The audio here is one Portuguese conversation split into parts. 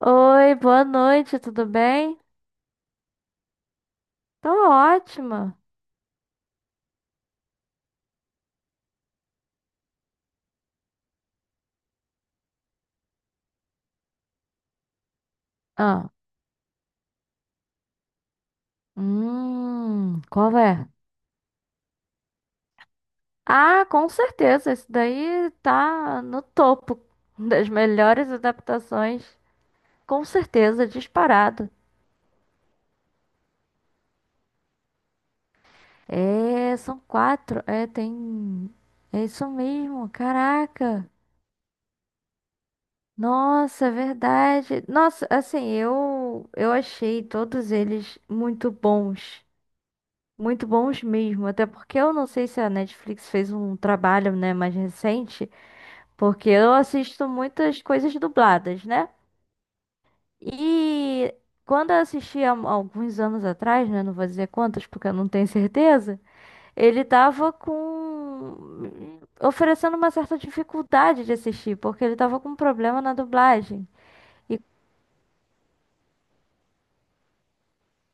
Oi, boa noite, tudo bem? Tô ótima. Ah, qual é? Ah, com certeza, esse daí tá no topo das melhores adaptações. Com certeza, disparado. É, são quatro. É, tem. É isso mesmo, caraca. Nossa, é verdade. Nossa, assim, eu achei todos eles muito bons. Muito bons mesmo, até porque eu não sei se a Netflix fez um trabalho, né, mais recente, porque eu assisto muitas coisas dubladas, né? E quando eu assisti há alguns anos atrás, né, não vou dizer quantos porque eu não tenho certeza, ele tava com oferecendo uma certa dificuldade de assistir, porque ele tava com um problema na dublagem. E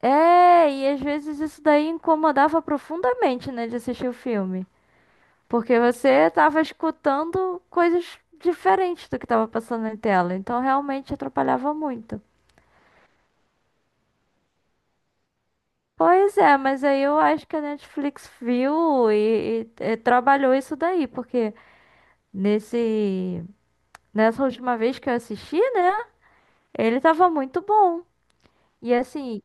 é, e às vezes isso daí incomodava profundamente, né, de assistir o filme. Porque você estava escutando coisas diferentes do que estava passando na tela, então realmente atrapalhava muito. Pois é, mas aí eu acho que a Netflix viu e trabalhou isso daí, porque nesse, nessa última vez que eu assisti, né, ele tava muito bom. E assim,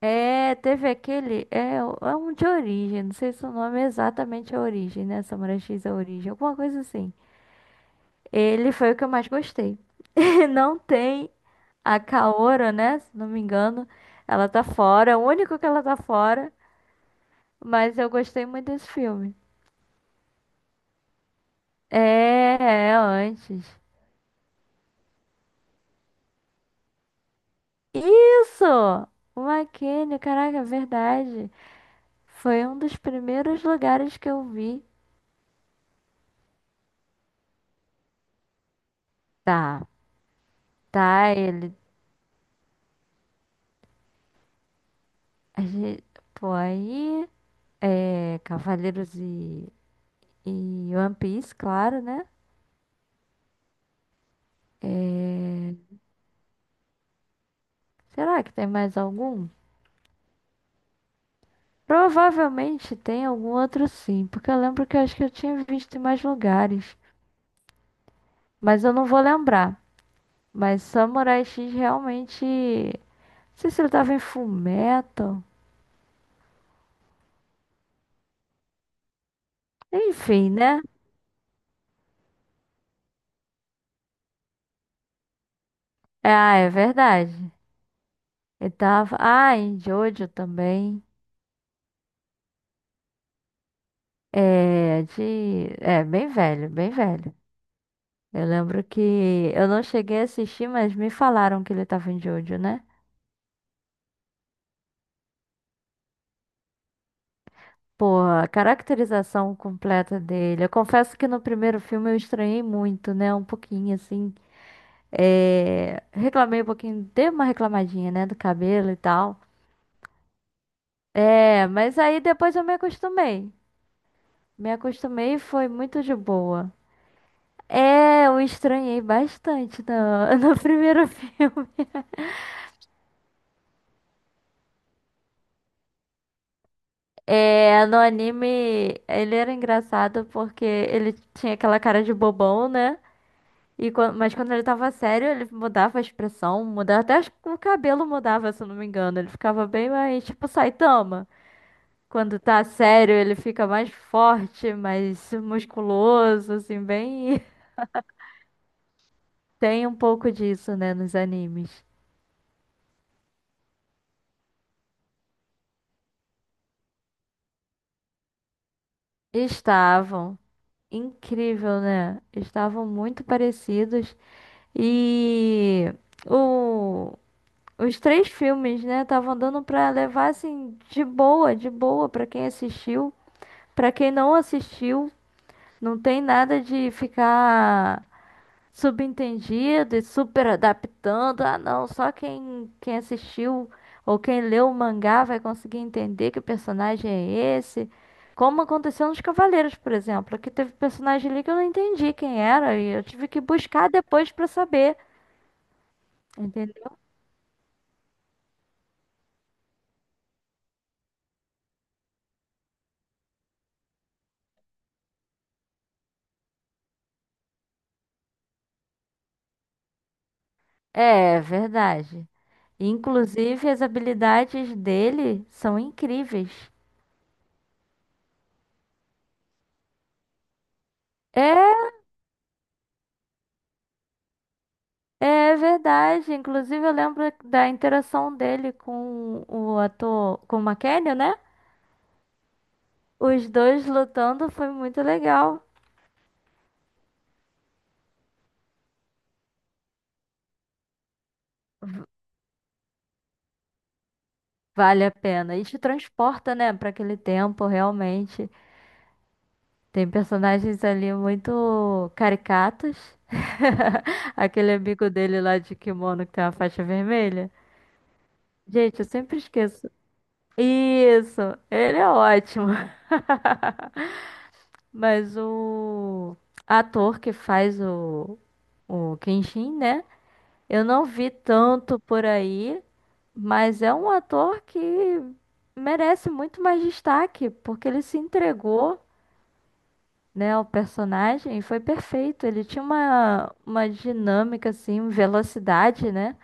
é, teve aquele, é, é um de origem, não sei se o nome é exatamente a origem, né, Samurai X é a origem, alguma coisa assim. Ele foi o que eu mais gostei. Não tem a Kaora, né? Se não me engano, ela tá fora. É o único que ela tá fora. Mas eu gostei muito desse filme. É, é antes. Isso! O McKinney, caraca, é verdade. Foi um dos primeiros lugares que eu vi. Tá, tá, ele. A gente, pô, aí. É, Cavaleiros e One Piece, claro, né? É, será que tem mais algum? Provavelmente tem algum outro sim, porque eu lembro que eu acho que eu tinha visto em mais lugares, mas eu não vou lembrar. Mas Samurai X realmente. Não sei se ele tava em Fullmetal. Enfim, né? É, ah, é verdade. Ele tava. Ah, em Jojo também. É, de. É, bem velho, bem velho. Eu lembro que eu não cheguei a assistir, mas me falaram que ele tava em Jojo, né? Porra, a caracterização completa dele. Eu confesso que no primeiro filme eu estranhei muito, né? Um pouquinho assim. É... Reclamei um pouquinho, dei uma reclamadinha, né? Do cabelo e tal. É, mas aí depois eu me acostumei. Me acostumei e foi muito de boa. É, eu estranhei bastante no primeiro filme. É, no anime ele era engraçado porque ele tinha aquela cara de bobão, né? Mas quando ele tava sério, ele mudava a expressão, mudava até acho que o cabelo mudava, se eu não me engano. Ele ficava bem mais tipo Saitama. Quando tá sério, ele fica mais forte, mais musculoso, assim, bem. Tem um pouco disso, né, nos animes. Estavam incrível, né? Estavam muito parecidos e o os três filmes, né, estavam dando pra levar assim de boa pra quem assistiu. Pra quem não assistiu, não tem nada de ficar subentendido e super adaptando. Ah, não, só quem assistiu ou quem leu o mangá vai conseguir entender que personagem é esse. Como aconteceu nos Cavaleiros, por exemplo, que teve personagem ali que eu não entendi quem era e eu tive que buscar depois pra saber, entendeu? É verdade. Inclusive, as habilidades dele são incríveis. É, é verdade. Inclusive, eu lembro da interação dele com o ator, com o McKenna, né? Os dois lutando foi muito legal. Vale a pena. E te transporta, né, para aquele tempo, realmente. Tem personagens ali muito caricatos. Aquele amigo dele lá de kimono que tem uma faixa vermelha. Gente, eu sempre esqueço. Isso, ele é ótimo. Mas o ator que faz o Kenshin, né? Eu não vi tanto por aí, mas é um ator que merece muito mais destaque, porque ele se entregou, né, ao personagem e foi perfeito. Ele tinha uma dinâmica, assim, velocidade, né?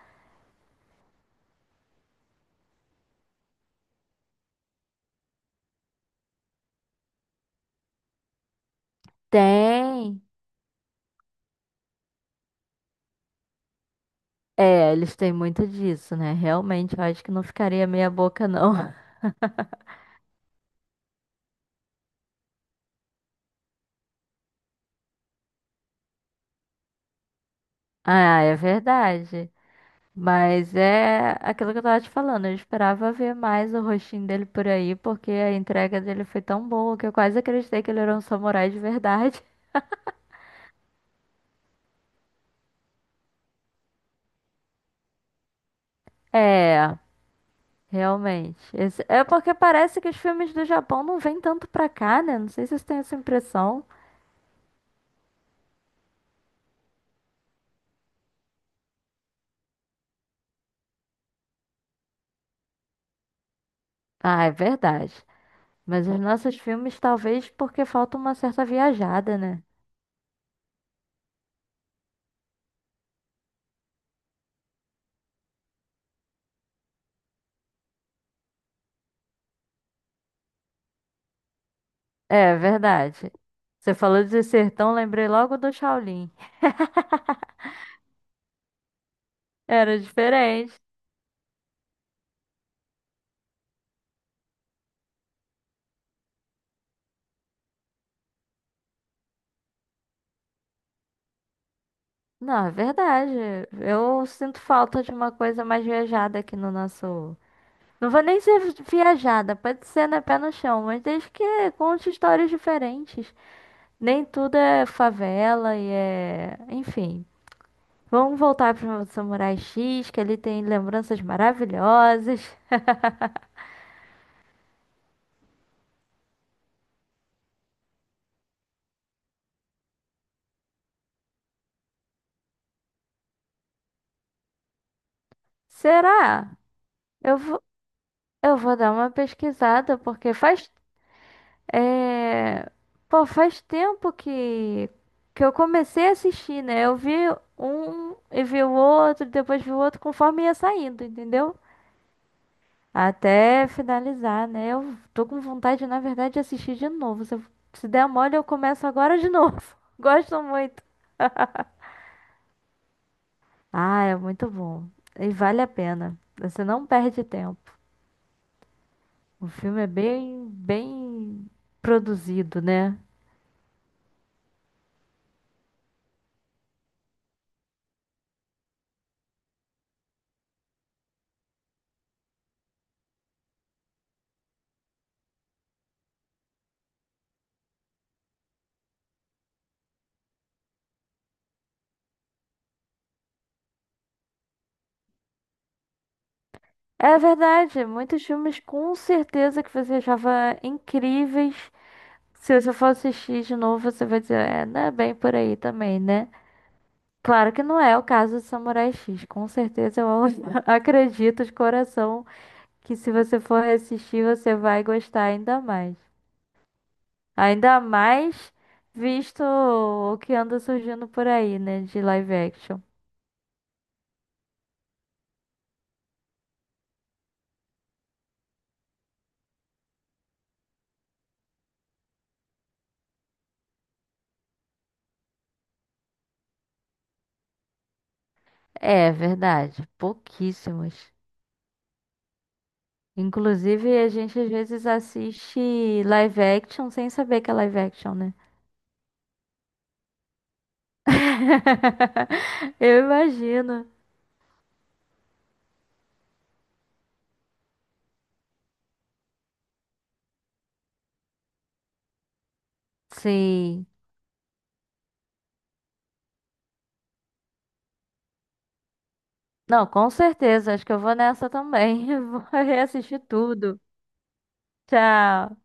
Tem. É, eles têm muito disso, né? Realmente, eu acho que não ficaria meia boca, não. Ah, é verdade. Mas é aquilo que eu tava te falando, eu esperava ver mais o rostinho dele por aí, porque a entrega dele foi tão boa que eu quase acreditei que ele era um samurai de verdade. É, realmente. Esse- é porque parece que os filmes do Japão não vêm tanto pra cá, né? Não sei se vocês têm essa impressão. Ah, é verdade. Mas os nossos filmes, talvez porque falta uma certa viajada, né? É, verdade. Você falou de sertão, lembrei logo do Shaolin. Era diferente. Não, é verdade. Eu sinto falta de uma coisa mais viajada aqui no nosso. Não vou nem ser viajada, pode ser né, pé no chão, mas desde que conte histórias diferentes. Nem tudo é favela e é. Enfim. Vamos voltar para o Samurai X, que ele tem lembranças maravilhosas. Será? Eu vou, eu vou dar uma pesquisada, porque faz é... Pô, faz tempo que eu comecei a assistir, né? Eu vi um e vi o outro, depois vi o outro, conforme ia saindo, entendeu? Até finalizar, né? Eu tô com vontade, na verdade, de assistir de novo. Se der mole, eu começo agora de novo. Gosto muito. Ah, é muito bom. E vale a pena. Você não perde tempo. O filme é bem produzido, né? É verdade, muitos filmes com certeza que você achava incríveis. Se você for assistir de novo, você vai dizer, é, não é bem por aí também, né? Claro que não é o caso de Samurai X. Com certeza eu acredito de coração que se você for assistir, você vai gostar ainda mais. Ainda mais visto o que anda surgindo por aí, né, de live action. É verdade, pouquíssimos. Inclusive, a gente às vezes assiste live action sem saber que é live action, né? Eu imagino. Sim. Não, com certeza. Acho que eu vou nessa também. Vou reassistir tudo. Tchau.